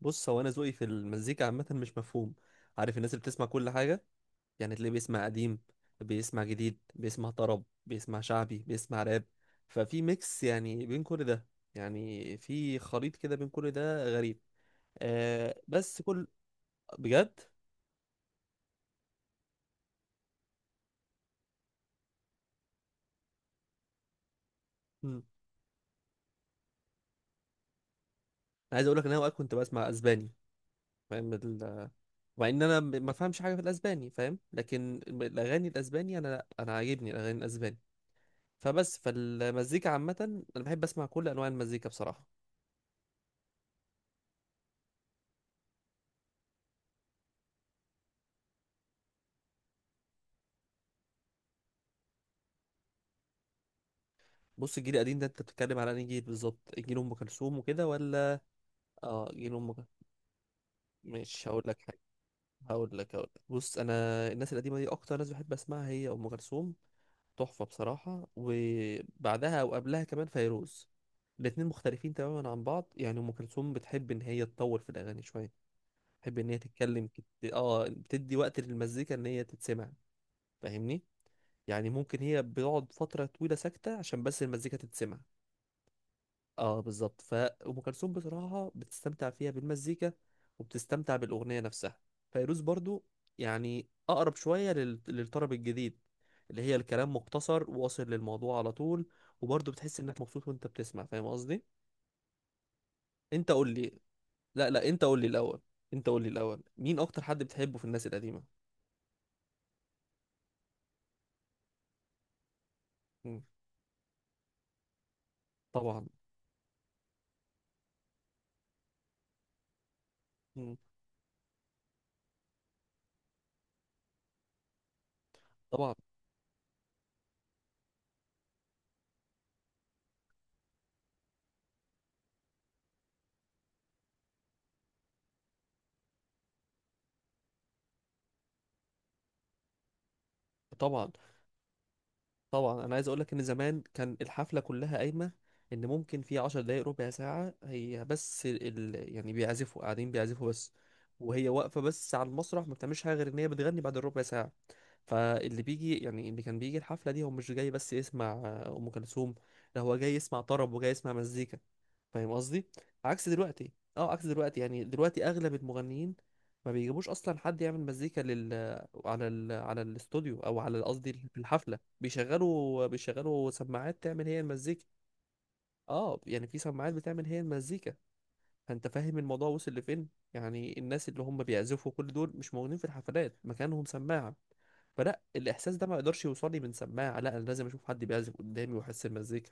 بص، هو انا ذوقي في المزيكا عامه مش مفهوم. عارف الناس اللي بتسمع كل حاجه، يعني تلاقيه بيسمع قديم، بيسمع جديد، بيسمع طرب، بيسمع شعبي، بيسمع راب. ففي ميكس يعني بين كل ده، يعني في خليط كده بين كل ده غريب. آه، بس بجد. مم. انا عايز اقول لك ان انا اوقات كنت بسمع اسباني، فاهم. مع ان انا ما فهمش حاجه في الاسباني، فاهم، لكن الاغاني الاسباني انا لا، انا عاجبني الاغاني الاسباني. فبس، فالمزيكا عامه انا بحب اسمع كل انواع المزيكا بصراحه. بص، الجيل القديم ده انت بتتكلم على انهي جيل بالظبط؟ جيل ام كلثوم وكده ولا؟ اه، جيل ام كلثوم. مش هقول لك حاجه، هقول لك بص انا. الناس القديمه دي اكتر ناس بحب اسمعها هي ام كلثوم. تحفه بصراحه، وبعدها وقبلها كمان فيروز. الاتنين مختلفين تماما عن بعض. يعني ام كلثوم بتحب ان هي تطول في الاغاني شويه، بتحب ان هي تتكلم كت... اه بتدي وقت للمزيكا ان هي تتسمع. فاهمني؟ يعني ممكن هي بتقعد فتره طويله ساكته عشان بس المزيكا تتسمع. اه، بالظبط. فأم كلثوم بصراحة بتستمتع فيها بالمزيكا، وبتستمتع بالأغنية نفسها. فيروز برضو، يعني أقرب شوية للطرب الجديد، اللي هي الكلام مختصر واصل للموضوع على طول. وبرضو بتحس إنك مبسوط وأنت بتسمع. فاهم قصدي؟ أنت قول لي. لا، لا، أنت قول لي الأول. أنت قول لي الأول، مين أكتر حد بتحبه في الناس القديمة؟ مم. طبعا. مم. طبعا، طبعا، طبعا. انا عايز اقول لك ان زمان كان الحفله كلها قايمه، ان ممكن في 10 دقايق، ربع ساعه، هي بس يعني بيعزفوا، قاعدين بيعزفوا بس، وهي واقفه بس على المسرح ما بتعملش حاجه غير ان هي بتغني بعد الربع ساعه. فاللي بيجي، يعني اللي كان بيجي الحفله دي، هو مش جاي بس يسمع ام كلثوم. لا، هو جاي يسمع طرب وجاي يسمع مزيكا. فاهم قصدي؟ عكس دلوقتي، يعني دلوقتي اغلب المغنيين ما بيجيبوش اصلا حد يعمل مزيكا على على الاستوديو، او على قصدي في الحفله، بيشغلوا سماعات تعمل هي المزيكا. اه، يعني في سماعات بتعمل هي المزيكا. فانت فاهم الموضوع وصل لفين. يعني الناس اللي هم بيعزفوا كل دول مش موجودين في الحفلات، مكانهم سماعه. فلا، الاحساس ده ما يقدرش يوصل لي من سماعه. لا، انا لازم اشوف حد بيعزف قدامي واحس المزيكا.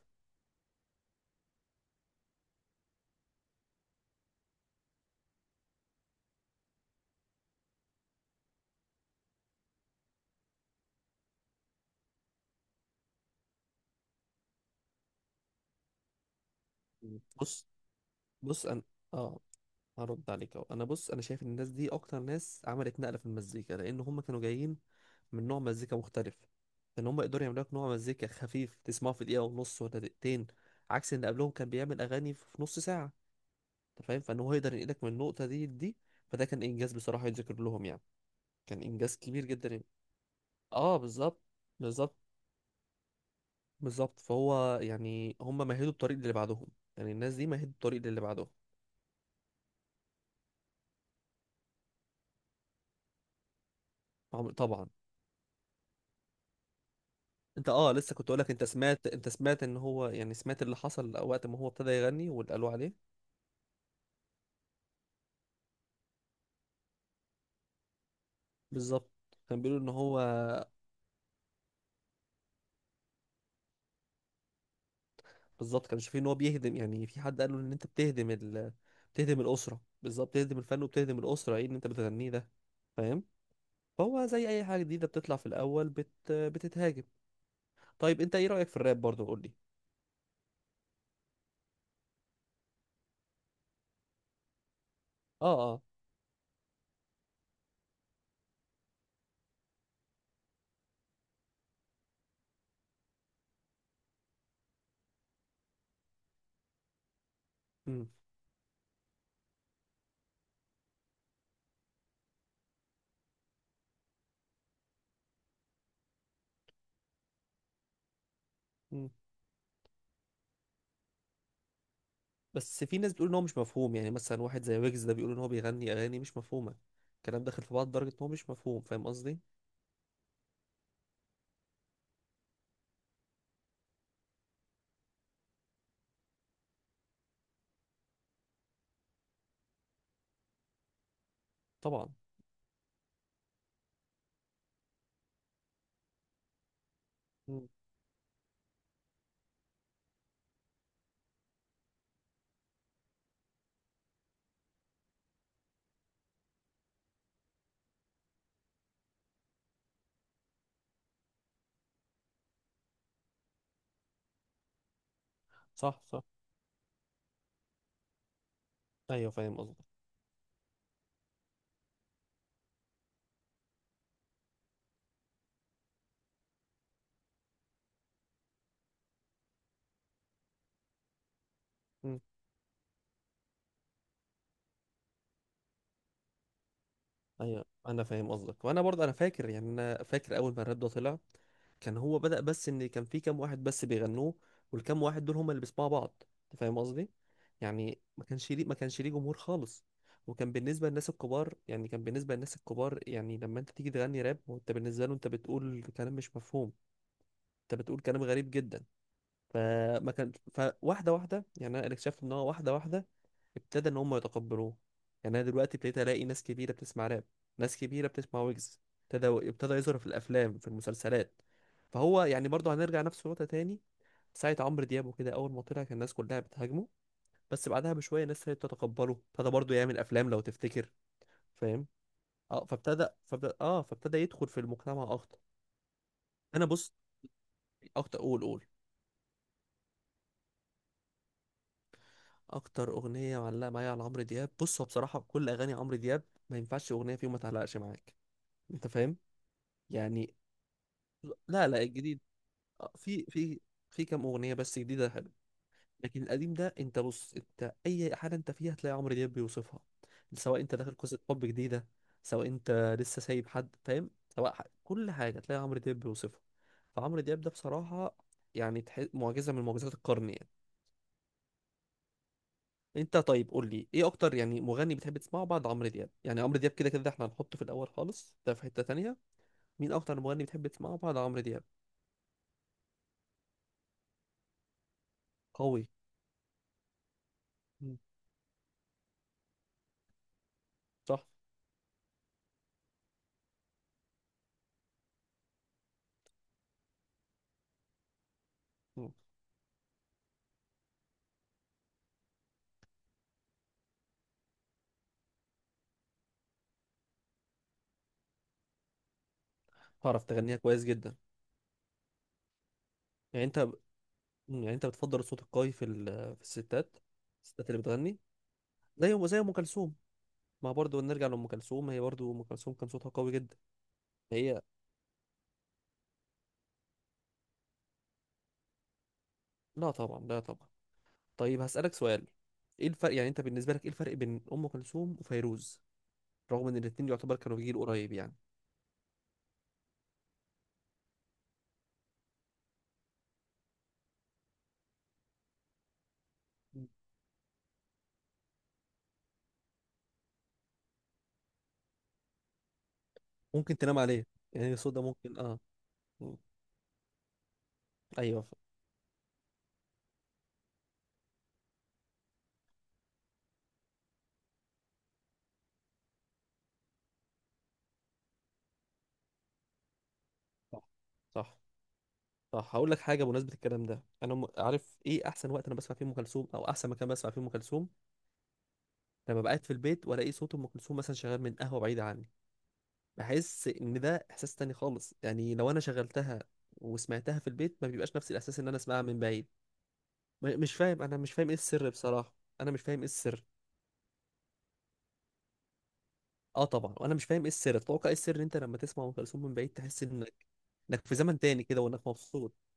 مم. بص انا، اه، هرد عليك اهو. انا بص، انا شايف ان الناس دي اكتر ناس عملت نقله في المزيكا، لان هم كانوا جايين من نوع مزيكا مختلف. ان هم يقدروا يعملوا لك نوع مزيكا خفيف تسمعه في دقيقه ونص ولا دقيقتين، عكس ان قبلهم كان بيعمل اغاني في نص ساعه. انت فاهم، فان هو يقدر ينقلك من النقطه دي فده كان انجاز بصراحه يتذكر لهم يعني، كان انجاز كبير جدا يعني. اه، بالظبط. بالظبط. بالظبط، فهو يعني هم مهدوا الطريق للي بعدهم. يعني الناس دي مهدوا الطريق للي بعدهم. طبعا. انت، اه، لسه كنت اقول لك، انت سمعت ان هو، يعني سمعت اللي حصل وقت ما هو ابتدى يغني واللي قالوا عليه. بالظبط، كان بيقولوا ان هو بالظبط كانوا شايفين ان هو بيهدم، يعني في حد قال له ان انت بتهدم بتهدم الاسره بالظبط، بتهدم الفن وبتهدم الاسره، ايه اللي انت بتغنيه ده؟ فاهم؟ فهو زي اي حاجه جديده بتطلع في الاول بتتهاجم. طيب، انت ايه رايك في الراب برضه؟ قول لي. اه، اه. امم، امم. بس في ناس بتقول ان هو مش مفهوم، يعني مثلا واحد زي ويجز ده بيقول ان هو بيغني اغاني مش مفهومه، الكلام داخل في بعض لدرجه ان هو مش مفهوم. فاهم قصدي؟ طبعا. مم. صح، صح. ايوه، فاهم قصدك. مم. ايوه، انا فاهم قصدك. وانا برضه، انا فاكر يعني، انا فاكر اول ما الراب ده طلع كان هو بدأ، بس ان كان في كام واحد بس بيغنوه، والكام واحد دول هم اللي بيسمعوا بعض. انت فاهم قصدي؟ يعني ما كانش ليه جمهور خالص. وكان بالنسبه للناس الكبار، يعني لما انت تيجي تغني راب، وانت بالنسبه له انت بتقول كلام مش مفهوم، انت بتقول كلام غريب جدا. فما كان فواحده واحده، يعني انا اكتشفت ان هو واحده واحده ابتدى ان هم يتقبلوه. يعني انا دلوقتي ابتديت الاقي ناس كبيره بتسمع راب، ناس كبيره بتسمع ويجز، ابتدى يظهر في الافلام، في المسلسلات. فهو يعني برضه هنرجع نفس النقطه تاني، ساعة عمرو دياب وكده أول ما طلع كان الناس كلها بتهاجمه، بس بعدها بشوية الناس ابتدت تتقبله، ابتدى برضه يعمل أفلام لو تفتكر. فاهم؟ اه، فابتدى يدخل في المجتمع أكتر. أنا بص، أكتر، قول، قول. أكتر أغنية معلقة معايا على عمرو دياب؟ بص، هو بصراحة كل أغاني عمرو دياب ما ينفعش أغنية فيهم ما تعلقش معاك. أنت فاهم. يعني، لا، لا، الجديد آه، في في في كام اغنيه بس جديده حلو. لكن القديم ده، انت بص، انت اي حاجه انت فيها هتلاقي عمرو دياب بيوصفها، سواء انت داخل قصه حب جديده، سواء انت لسه سايب حد، فاهم، سواء كل حاجه هتلاقي عمرو دياب بيوصفها. فعمرو دياب ده بصراحه، يعني معجزه من معجزات القرن يعني. انت طيب قول لي، ايه اكتر يعني مغني بتحب تسمعه بعد عمرو دياب؟ يعني عمرو دياب كده كده احنا هنحطه في الاول خالص، ده في حته تانية. مين اكتر مغني بتحب تسمعه بعد عمرو دياب؟ قوي. مم. صح، تعرف تغنيها كويس جدا. يعني انت يعني انت بتفضل الصوت القوي في الستات، الستات اللي بتغني، زي ام كلثوم. ما برضو نرجع لام كلثوم، هي برضو ام كلثوم كان صوتها قوي جدا. هي، لا طبعا، لا طبعا. طيب هسألك سؤال. ايه الفرق، يعني انت بالنسبة لك ايه الفرق بين ام كلثوم وفيروز، رغم ان الاتنين يعتبر كانوا جيل قريب يعني؟ مم. ممكن تنام عليه، يعني الصوت ده ممكن، اه. مم. ايوه. صح، صح، صح. هقول لك حاجه بمناسبه الكلام ده، انا عارف ايه احسن وقت انا بسمع فيه ام كلثوم، او احسن مكان بسمع فيه ام كلثوم. لما ببقى قاعد في البيت، والاقي صوت ام كلثوم مثلا شغال من قهوه بعيده عني، بحس ان ده احساس تاني خالص. يعني لو انا شغلتها وسمعتها في البيت، ما بيبقاش نفس الاحساس ان انا اسمعها من بعيد. مش فاهم، انا مش فاهم ايه السر بصراحه. انا مش فاهم ايه السر. اه طبعا، وانا مش فاهم ايه السر. تتوقع ايه السر إن انت لما تسمع ام كلثوم من بعيد تحس انك، انك في زمن تاني كده وانك مبسوط.